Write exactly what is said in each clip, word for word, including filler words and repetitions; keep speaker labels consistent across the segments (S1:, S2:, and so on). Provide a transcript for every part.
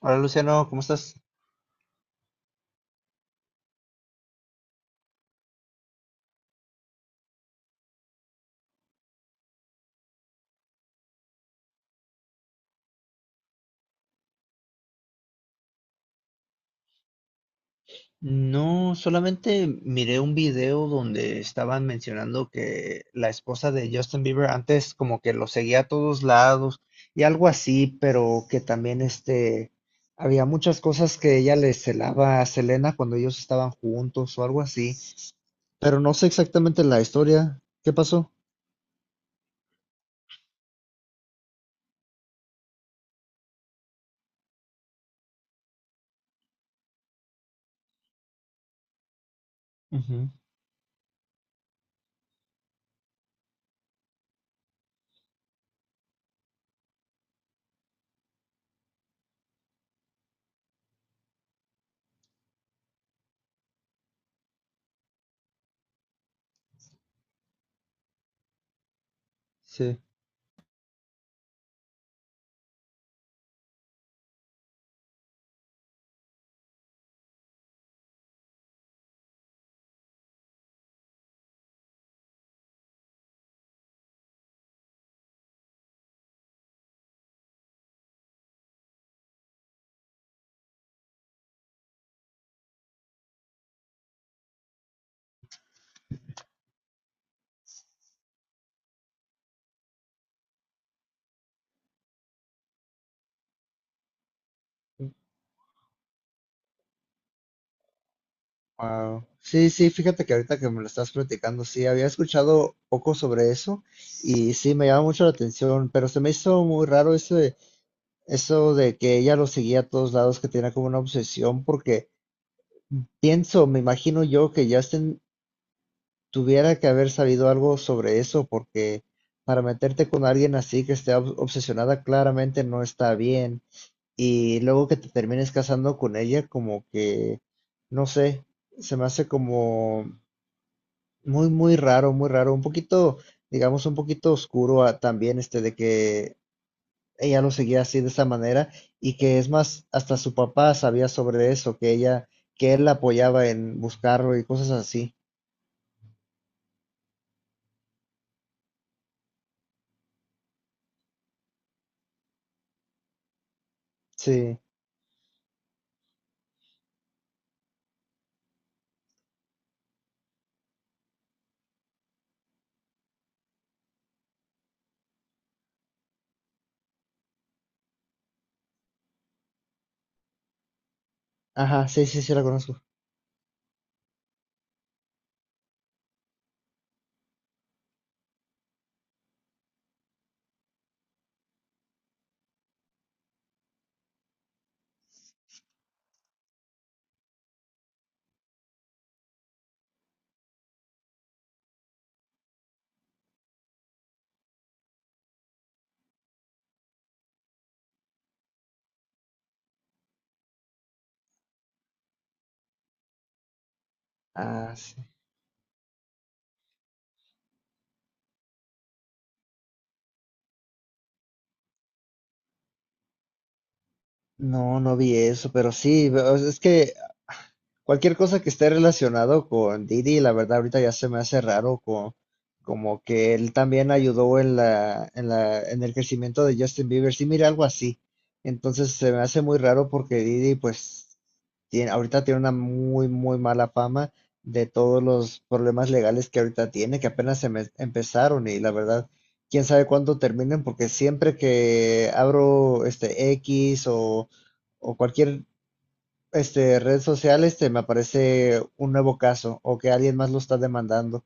S1: Hola Luciano, ¿cómo estás? No, solamente miré un video donde estaban mencionando que la esposa de Justin Bieber antes como que lo seguía a todos lados y algo así, pero que también este había muchas cosas que ella le celaba a Selena cuando ellos estaban juntos o algo así, pero no sé exactamente la historia. ¿Qué pasó? Ujú, sí. Wow, sí, sí, fíjate que ahorita que me lo estás platicando, sí, había escuchado poco sobre eso y sí, me llama mucho la atención, pero se me hizo muy raro eso de, eso de que ella lo seguía a todos lados, que tenía como una obsesión, porque pienso, me imagino yo que Justin tuviera que haber sabido algo sobre eso, porque para meterte con alguien así que esté ob- obsesionada claramente no está bien y luego que te termines casando con ella, como que, no sé, se me hace como muy, muy raro, muy raro. Un poquito, digamos, un poquito oscuro ah, también, este, de que ella lo seguía así de esa manera y que es más, hasta su papá sabía sobre eso, que ella, que él la apoyaba en buscarlo y cosas así. Sí. Ajá, sí, sí, sí, la conozco. Ah, sí. No, no vi eso, pero sí, ve- o sea, es que cualquier cosa que esté relacionado con Didi, la verdad ahorita ya se me hace raro, co- como que él también ayudó en la, en la, en el crecimiento de Justin Bieber. Sí, mira, algo así. Entonces se me hace muy raro porque Didi, pues, tiene, ahorita tiene una muy, muy mala fama de todos los problemas legales que ahorita tiene, que apenas se me- empezaron y la verdad, quién sabe cuándo terminen, porque siempre que abro este X o o cualquier, este, redes sociales, este, me aparece un nuevo caso o que alguien más lo está demandando.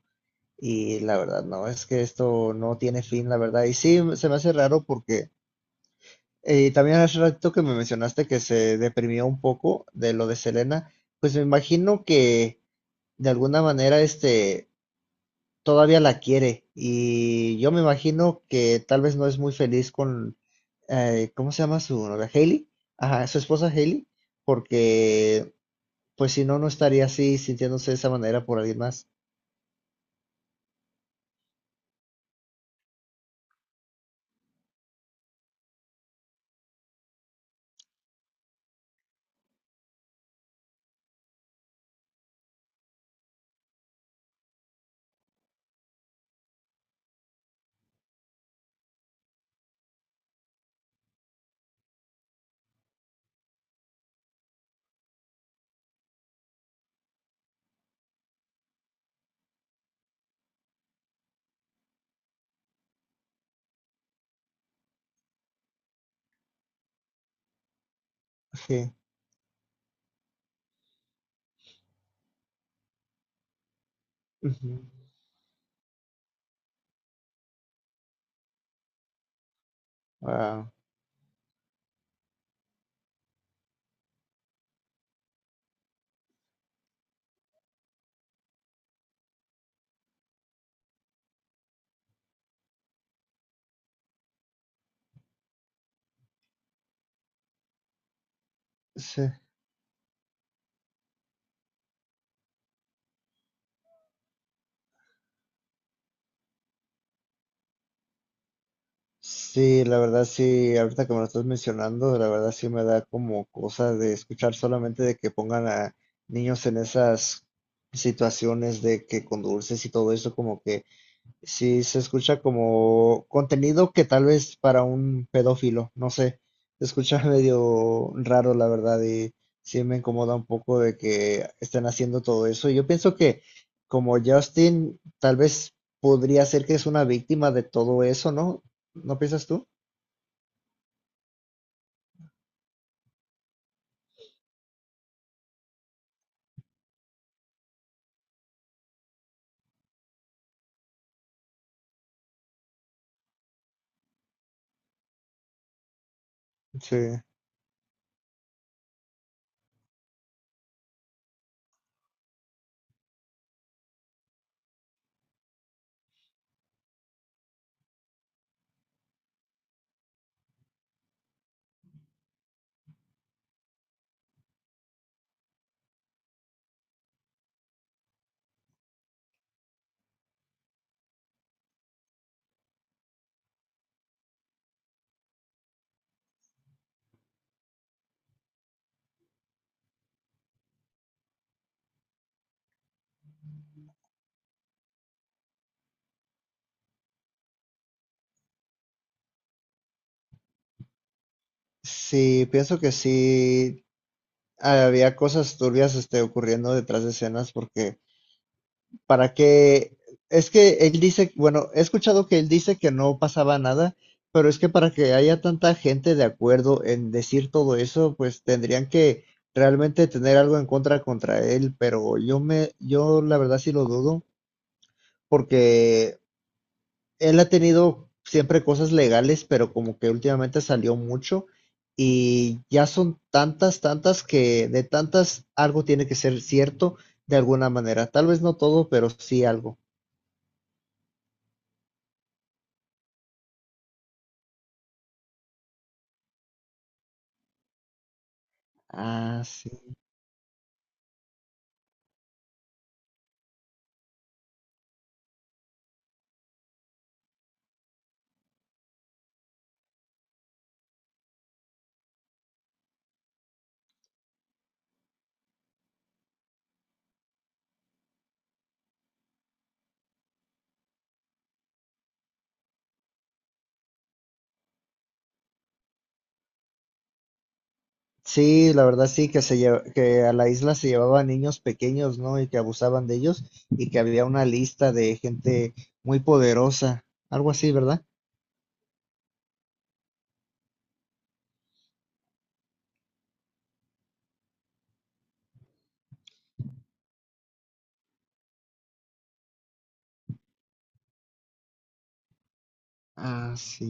S1: Y la verdad, no, es que esto no tiene fin, la verdad. Y sí, se me hace raro porque eh, también hace rato que me mencionaste que se deprimió un poco de lo de Selena, pues me imagino que de alguna manera, este, todavía la quiere. Y yo me imagino que tal vez no es muy feliz con, eh, ¿cómo se llama su novia? Hailey. Ajá, su esposa Hailey, porque pues si no, no estaría así sintiéndose de esa manera por alguien más. Sí. Ujú. Wow. Sí. Sí, la verdad sí, ahorita que me lo estás mencionando, la verdad sí me da como cosa de escuchar solamente de que pongan a niños en esas situaciones de que con dulces y todo eso, como que sí, se escucha como contenido que tal vez para un pedófilo, no sé, se escucha medio raro, la verdad, y sí me incomoda un poco de que estén haciendo todo eso. Yo pienso que como Justin, tal vez podría ser que es una víctima de todo eso, ¿no? ¿No piensas tú? Sí, sí, pienso que sí había cosas turbias, este, ocurriendo detrás de escenas porque para que, es que él dice, bueno, he escuchado que él dice que no pasaba nada, pero es que para que haya tanta gente de acuerdo en decir todo eso, pues tendrían que realmente tener algo en contra contra él, pero yo me, yo la verdad sí lo dudo, porque él ha tenido siempre cosas legales, pero como que últimamente salió mucho y ya son tantas, tantas que de tantas algo tiene que ser cierto de alguna manera, tal vez no todo, pero sí algo. Ah, sí. Sí, la verdad sí, que se lle- que a la isla se llevaban niños pequeños, ¿no? Y que abusaban de ellos y que había una lista de gente muy poderosa, algo así, ¿verdad? Ah, sí.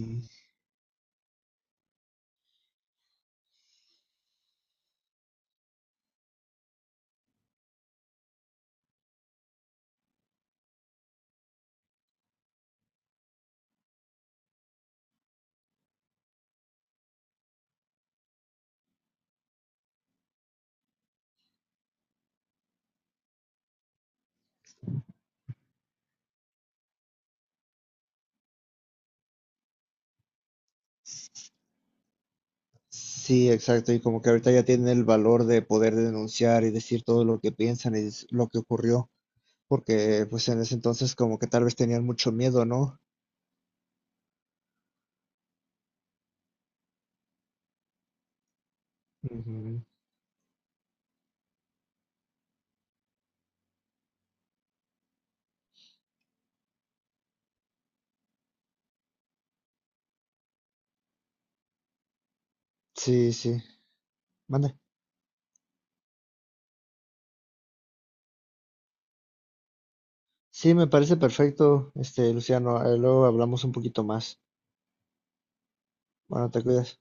S1: Sí, exacto. Y como que ahorita ya tienen el valor de poder denunciar y decir todo lo que piensan y es lo que ocurrió, porque pues en ese entonces como que tal vez tenían mucho miedo, ¿no? Ujú. Sí, sí. Manda. Sí, me parece perfecto, este, Luciano. Ahí luego hablamos un poquito más. Bueno, te cuidas.